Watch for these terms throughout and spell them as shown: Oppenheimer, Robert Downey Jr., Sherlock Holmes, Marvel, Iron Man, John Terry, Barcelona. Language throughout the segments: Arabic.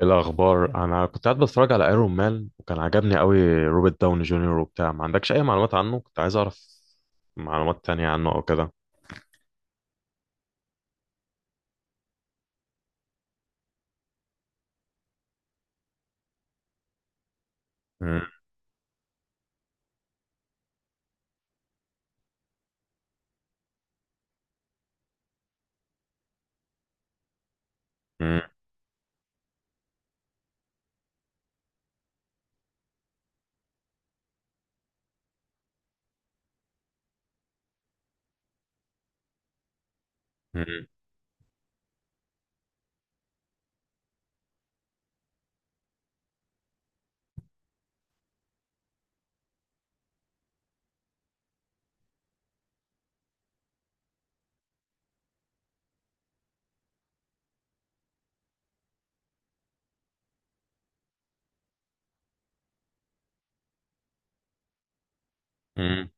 إيه الأخبار؟ أنا كنت قاعد بتفرج على ايرون مان، وكان عجبني قوي روبرت داوني جونيور وبتاع. ما عندكش أي معلومات عنه؟ كنت عايز أعرف معلومات تانية عنه أو كده. مم، مم، مم، مم.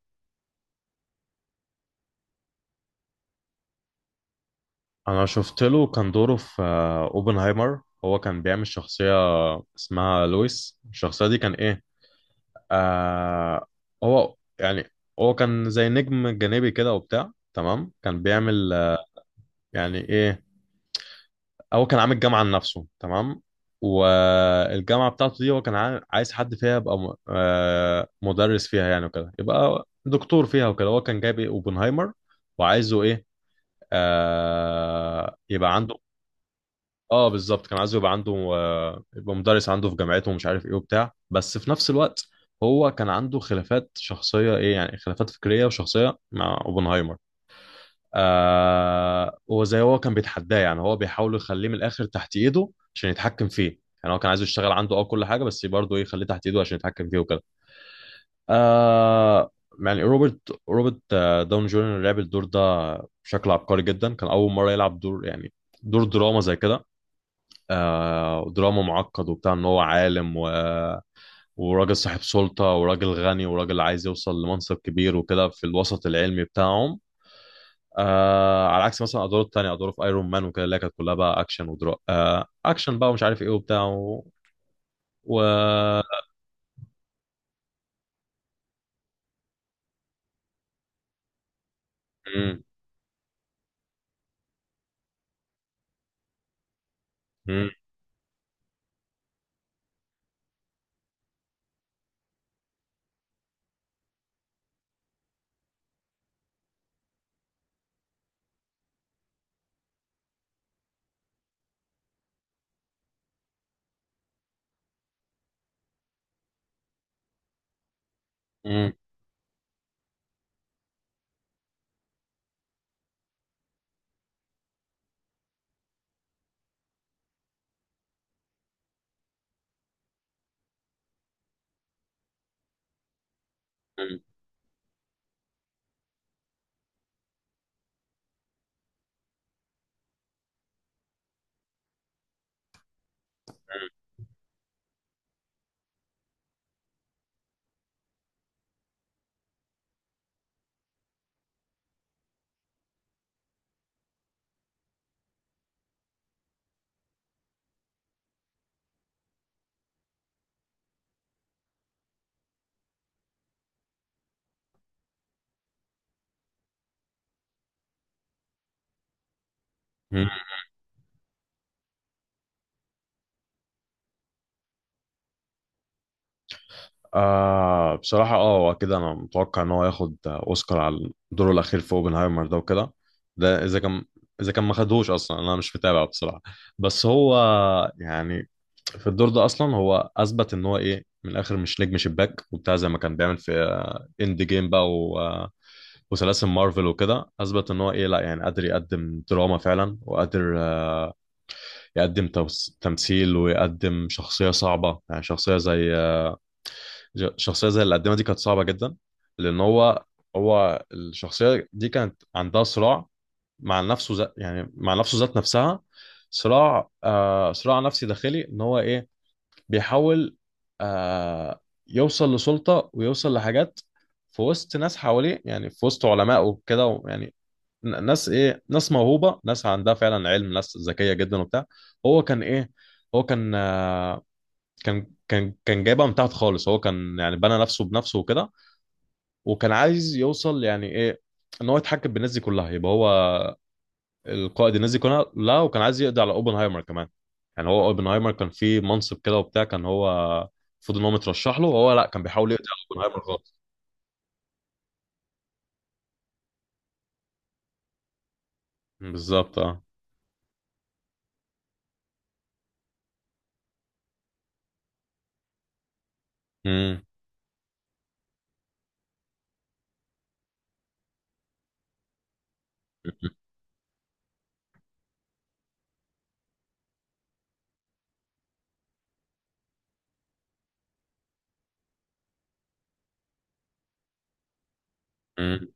أنا شفت له كان دوره في أوبنهايمر. هو كان بيعمل شخصية اسمها لويس. الشخصية دي كان إيه؟ آه هو يعني، هو كان زي نجم جانبي كده وبتاع، تمام. كان بيعمل يعني إيه، هو كان عامل جامعة لنفسه، تمام. والجامعة بتاعته دي هو كان عايز حد فيها يبقى مدرس فيها يعني، وكده يبقى دكتور فيها وكده. هو كان جايب إيه؟ اوبنهايمر. وعايزه ايه؟ يبقى عنده. اه بالظبط، كان عايزه يبقى عنده، يبقى مدرس عنده في جامعته ومش عارف ايه وبتاع. بس في نفس الوقت هو كان عنده خلافات شخصية، ايه يعني، خلافات فكرية وشخصية مع اوبنهايمر. وزي هو كان بيتحداه، يعني هو بيحاول يخليه من الاخر تحت ايده عشان يتحكم فيه يعني. هو كان عايزه يشتغل عنده، اه، كل حاجه، بس برضه ايه، يخليه تحت ايده عشان يتحكم فيه وكده. آه يعني روبرت، داون جونيور لعب الدور ده بشكل عبقري جدا. كان اول مره يلعب دور يعني، دور دراما زي كده. دراما معقد وبتاع، ان هو عالم، و وراجل صاحب سلطة، وراجل غني، وراجل عايز يوصل لمنصب كبير وكده في الوسط العلمي بتاعهم. على عكس مثلا ادواره التانية، ادواره في ايرون مان وكده، اللي هي كانت كلها بقى اكشن ودرا آه اكشن بقى، ومش عارف ايه وبتاع و... مم، مم، مم، مم، مم. بصراحة، اه، هو كده انا متوقع ان هو ياخد اوسكار على دوره الاخير في اوبنهايمر ده وكده. ده اذا كان ما خدهوش اصلا، انا مش متابع بصراحة. بس هو يعني، في الدور ده اصلا هو اثبت ان هو ايه، من الاخر، مش نجم شباك وبتاع زي ما كان بيعمل في اند جيم بقى وسلاسل مارفل وكده. اثبت ان هو ايه، لا يعني قادر يقدم دراما فعلا، وقادر يقدم تمثيل، ويقدم شخصيه صعبه، يعني شخصيه زي شخصيه زي اللي قدمها، دي كانت صعبه جدا. لان هو، هو الشخصيه دي كانت عندها صراع مع نفسه ذات، يعني مع نفسه ذات نفسها. صراع صراع نفسي داخلي، ان هو ايه، بيحاول آه يوصل لسلطه، ويوصل لحاجات في وسط ناس حواليه، يعني في وسط علمائه وكده يعني. ناس ايه، ناس موهوبه، ناس عندها فعلا علم، ناس ذكيه جدا وبتاع. هو كان ايه، هو كان كان جايبها من تحت خالص. هو كان يعني بنى نفسه بنفسه وكده، وكان عايز يوصل يعني ايه، ان هو يتحكم بالناس دي كلها. يبقى هو القائد الناس دي كلها. لا، وكان عايز يقضي على اوبنهايمر كمان. يعني هو اوبنهايمر كان فيه منصب كده وبتاع، كان هو المفروض ان هو مترشح له، وهو لا، كان بيحاول يقضي على اوبنهايمر خالص. بالظبط اه. امم، امم،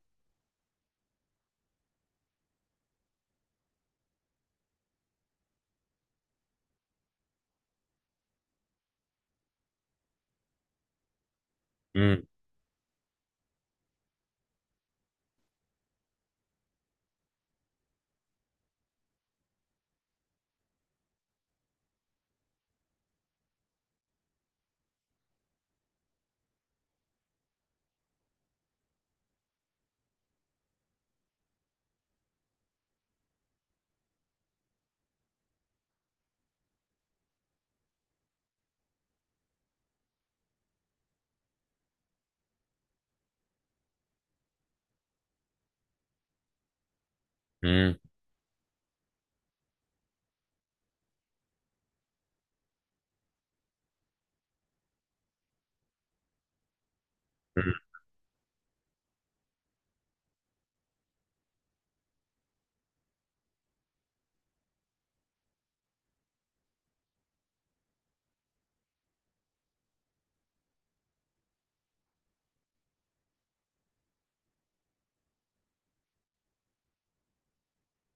امم.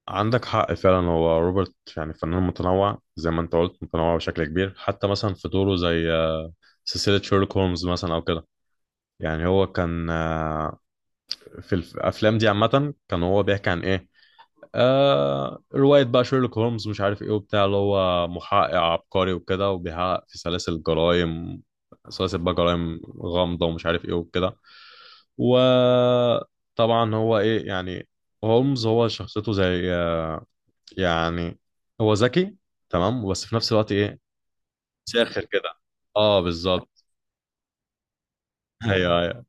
عندك حق فعلا، هو روبرت يعني فنان متنوع زي ما انت قلت، متنوع بشكل كبير. حتى مثلا في دوره زي سلسلة شيرلوك هولمز مثلا او كده، يعني هو كان في الافلام دي عامة كان هو بيحكي عن ايه، رواية بقى شيرلوك هولمز مش عارف ايه وبتاع، اللي هو محقق عبقري وكده، وبيحقق في سلاسل جرائم، سلاسل بقى جرائم غامضة ومش عارف ايه وكده. وطبعا هو ايه يعني، هولمز هو شخصيته زي يعني هو ذكي تمام، بس في نفس الوقت ايه، ساخر كده. اه بالظبط. ايوه، ايوه.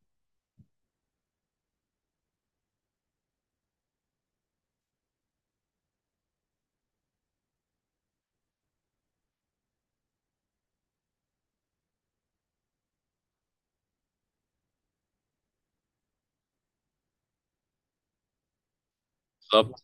بالظبط.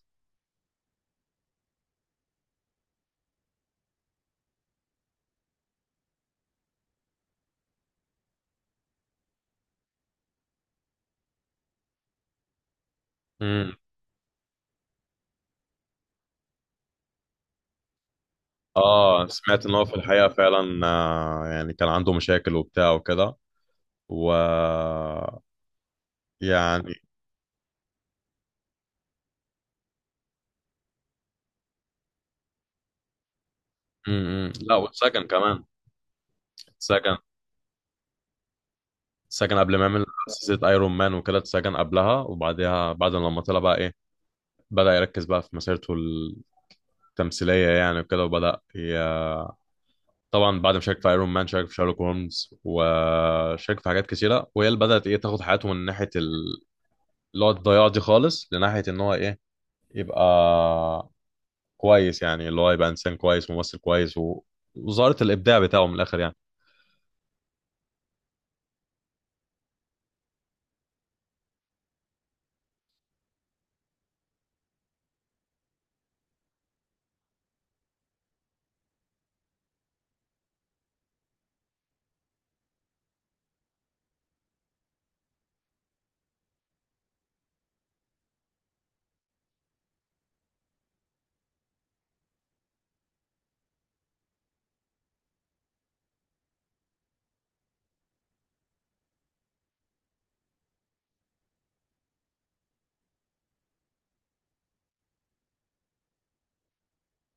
امم. اه، سمعت ان هو في الحقيقه فعلا يعني كان عنده مشاكل وبتاع وكده. و، يعني، امم، لا، واتسجن كمان. اتسجن. اتسجن قبل ما يعمل سلسله ايرون مان وكده، اتسجن قبلها وبعدها. بعد لما طلع بقى ايه، بدأ يركز بقى في مسيرته التمثيليه يعني. طبعا بعد ما شارك في ايرون مان، شارك في شارلوك هولمز، وشارك في حاجات كتيره، وهي اللي بدات ايه، تاخد حياته من اللي هو الضياع دي خالص، لناحيه ان هو ايه، يبقى كويس. يعني اللي هو يبقى انسان كويس، ممثل كويس. وظهرت الابداع بتاعه من الاخر يعني.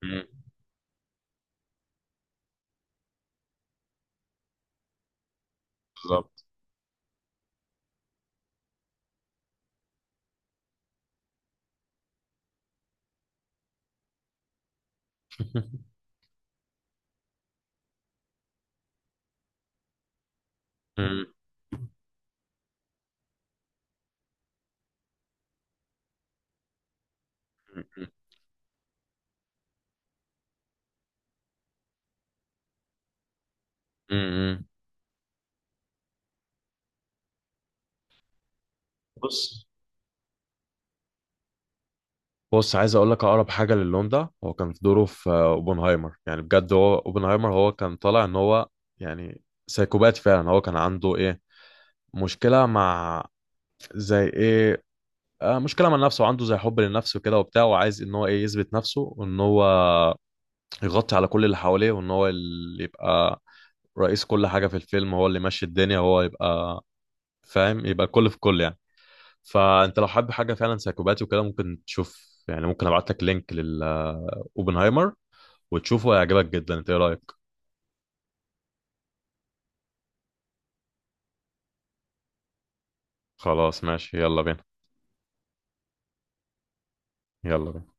مم، بالظبط. مم، مم، مم. بص. بص، عايز اقول لك اقرب حاجه للون ده، هو كان في دوره في اوبنهايمر. يعني بجد هو اوبنهايمر، هو كان طالع ان هو يعني سايكوبات فعلا. هو كان عنده ايه، مشكله مع، زي ايه، مشكله مع نفسه. عنده زي حب للنفس وكده وبتاع، وعايز ان هو ايه، يثبت نفسه، وان هو يغطي على كل اللي حواليه، وان هو اللي يبقى رئيس كل حاجه في الفيلم، هو اللي ماشي الدنيا، هو يبقى فاهم، يبقى كل في كل يعني. فانت لو حابب حاجه فعلا سايكوباتي وكده، ممكن تشوف يعني، ممكن ابعت لك لينك للاوبنهايمر وتشوفه، هيعجبك جدا. انت ايه رايك؟ خلاص ماشي، يلا بينا. يلا بينا.